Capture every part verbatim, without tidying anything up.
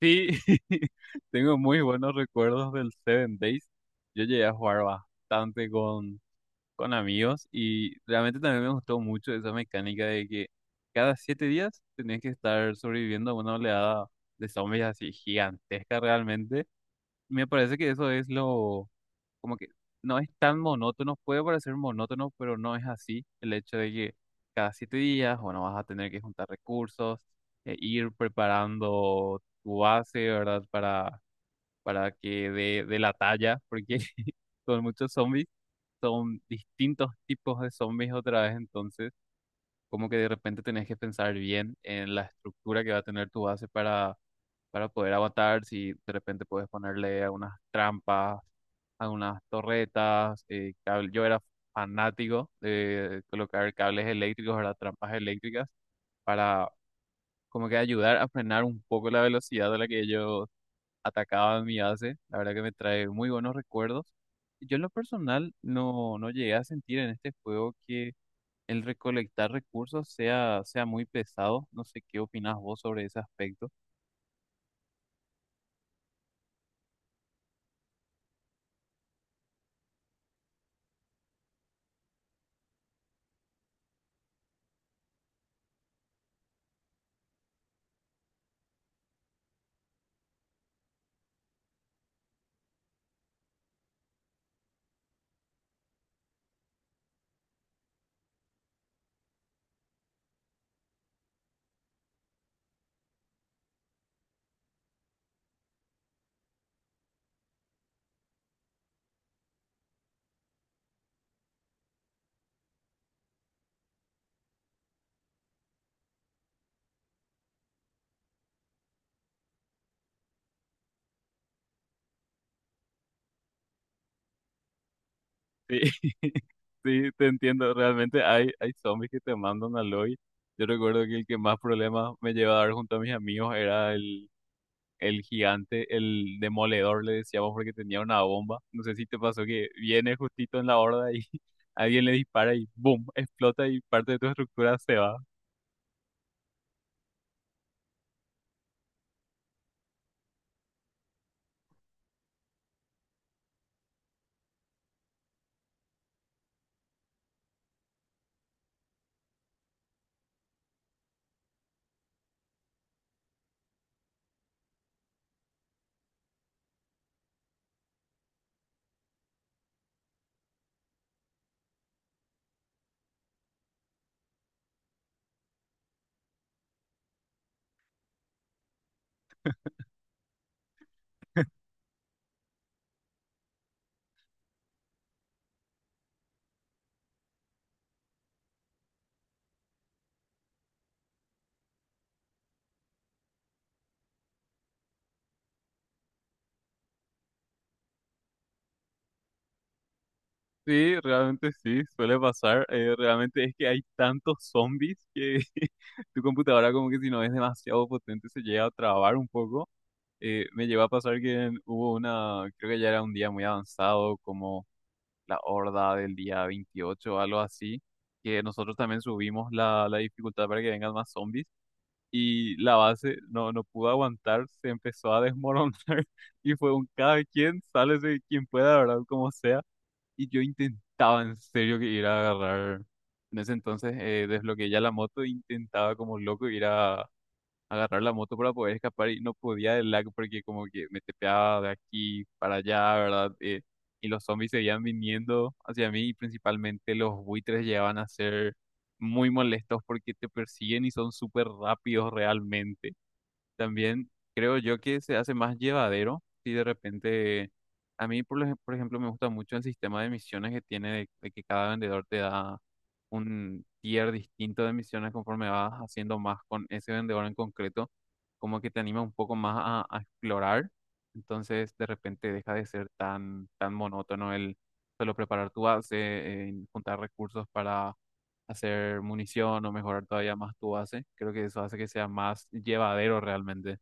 Sí, tengo muy buenos recuerdos del Seven Days. Yo llegué a jugar bastante con, con amigos y realmente también me gustó mucho esa mecánica de que cada siete días tenías que estar sobreviviendo a una oleada de zombies así gigantesca realmente. Me parece que eso es lo, como que no es tan monótono, puede parecer monótono, pero no es así. El hecho de que cada siete días, bueno, vas a tener que juntar recursos, eh, ir preparando tu base, ¿verdad? Para, para que dé de, la talla, porque son muchos zombies, son distintos tipos de zombies otra vez. Entonces como que de repente tenés que pensar bien en la estructura que va a tener tu base para para poder aguantar, si de repente puedes ponerle algunas trampas, algunas torretas, eh, cable- yo era fanático de colocar cables eléctricos, ¿verdad? Trampas eléctricas para como que ayudar a frenar un poco la velocidad a la que ellos atacaban mi base. La verdad que me trae muy buenos recuerdos. Yo en lo personal no, no llegué a sentir en este juego que el recolectar recursos sea, sea muy pesado. No sé qué opinas vos sobre ese aspecto. Sí, sí, te entiendo. Realmente hay, hay zombies que te mandan al hoy. Yo recuerdo que el que más problemas me llevaba a dar junto a mis amigos era el, el gigante, el demoledor, le decíamos, porque tenía una bomba. No sé si te pasó que viene justito en la horda y alguien le dispara y ¡boom! Explota y parte de tu estructura se va. Sí, realmente sí, suele pasar. Eh, realmente es que hay tantos zombies que tu computadora, como que si no es demasiado potente, se llega a trabar un poco. Eh, me llegó a pasar que hubo una, creo que ya era un día muy avanzado, como la horda del día veintiocho o algo así, que nosotros también subimos la, la dificultad para que vengan más zombies, y la base no, no pudo aguantar, se empezó a desmoronar y fue un cada quien, sálese quien pueda, ¿verdad? Como sea. Y yo intentaba en serio que ir a agarrar, en ese entonces eh, desbloqueé ya la moto, e intentaba como loco ir a agarrar la moto para poder escapar, y no podía del lag porque como que me tepeaba de aquí para allá, ¿verdad? Eh, y los zombies seguían viniendo hacia mí, y principalmente los buitres llegaban a ser muy molestos porque te persiguen y son súper rápidos realmente. También creo yo que se hace más llevadero si de repente, a mí por, ej- por ejemplo me gusta mucho el sistema de misiones que tiene de, de que cada vendedor te da un tier distinto de misiones conforme vas haciendo más con ese vendedor en concreto. Como que te anima un poco más a, a explorar, entonces de repente deja de ser tan, tan monótono el solo preparar tu base, eh, juntar recursos para hacer munición o mejorar todavía más tu base. Creo que eso hace que sea más llevadero realmente.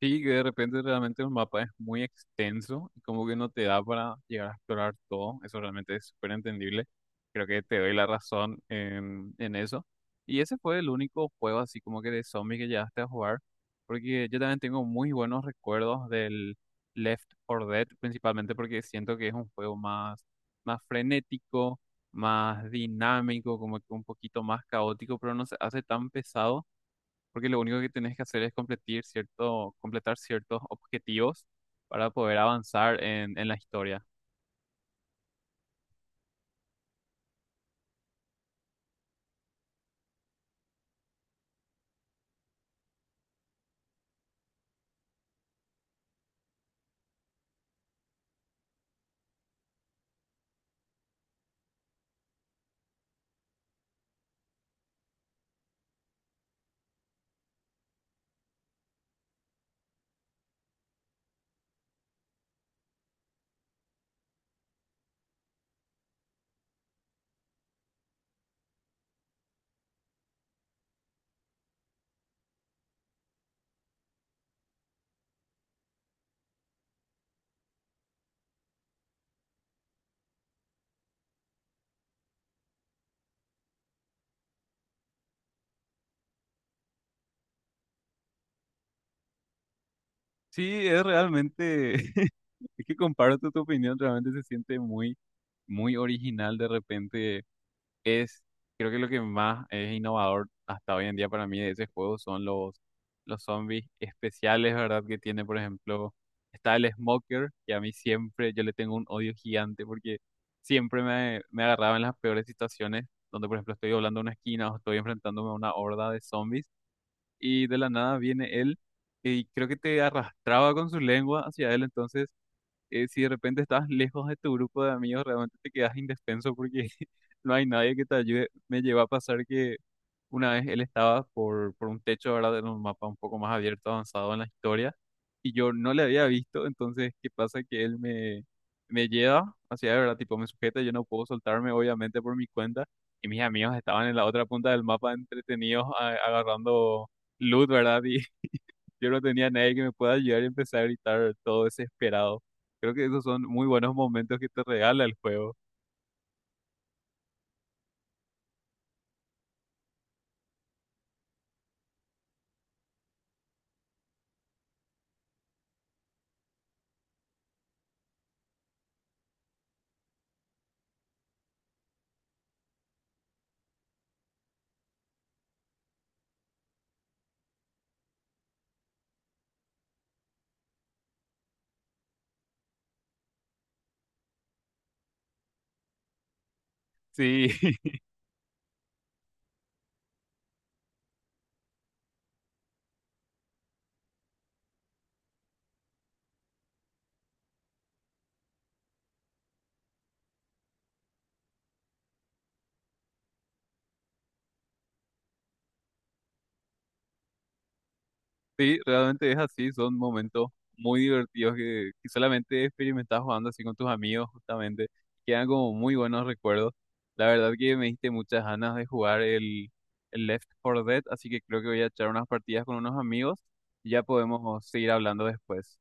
Sí, que de repente realmente el mapa es muy extenso y como que no te da para llegar a explorar todo. Eso realmente es súper entendible. Creo que te doy la razón en, en, eso. Y ese fue el único juego así como que de zombie que llegaste a jugar. Porque yo también tengo muy buenos recuerdos del Left four Dead, principalmente porque siento que es un juego más, más frenético, más dinámico, como que un poquito más caótico, pero no se hace tan pesado porque lo único que tenés que hacer es completar cierto, completar ciertos objetivos para poder avanzar en, en la historia. Sí, es realmente, es que comparto tu opinión, realmente se siente muy, muy original. De repente es, creo que lo que más es innovador hasta hoy en día para mí de ese juego son los, los zombies especiales, ¿verdad? Que tiene, por ejemplo, está el Smoker, que a mí siempre, yo le tengo un odio gigante porque siempre me, me agarraba en las peores situaciones, donde, por ejemplo, estoy doblando una esquina o estoy enfrentándome a una horda de zombies, y de la nada viene él, y creo que te arrastraba con su lengua hacia él. Entonces eh, si de repente estás lejos de tu grupo de amigos, realmente te quedas indefenso porque no hay nadie que te ayude. Me llevó a pasar que una vez él estaba por, por un techo, ¿verdad? En un mapa un poco más abierto, avanzado en la historia, y yo no le había visto, entonces, ¿qué pasa? Que él me, me lleva hacia, ¿verdad? Tipo, me sujeta, yo no puedo soltarme, obviamente, por mi cuenta, y mis amigos estaban en la otra punta del mapa entretenidos a- agarrando loot, ¿verdad? Y yo no tenía nadie que me pueda ayudar y empecé a gritar todo desesperado. Creo que esos son muy buenos momentos que te regala el juego. Sí, sí, realmente es así, son momentos muy divertidos que, que, solamente experimentas jugando así con tus amigos, justamente. Quedan como muy buenos recuerdos. La verdad que me diste muchas ganas de jugar el, el, Left four Dead, así que creo que voy a echar unas partidas con unos amigos y ya podemos seguir hablando después.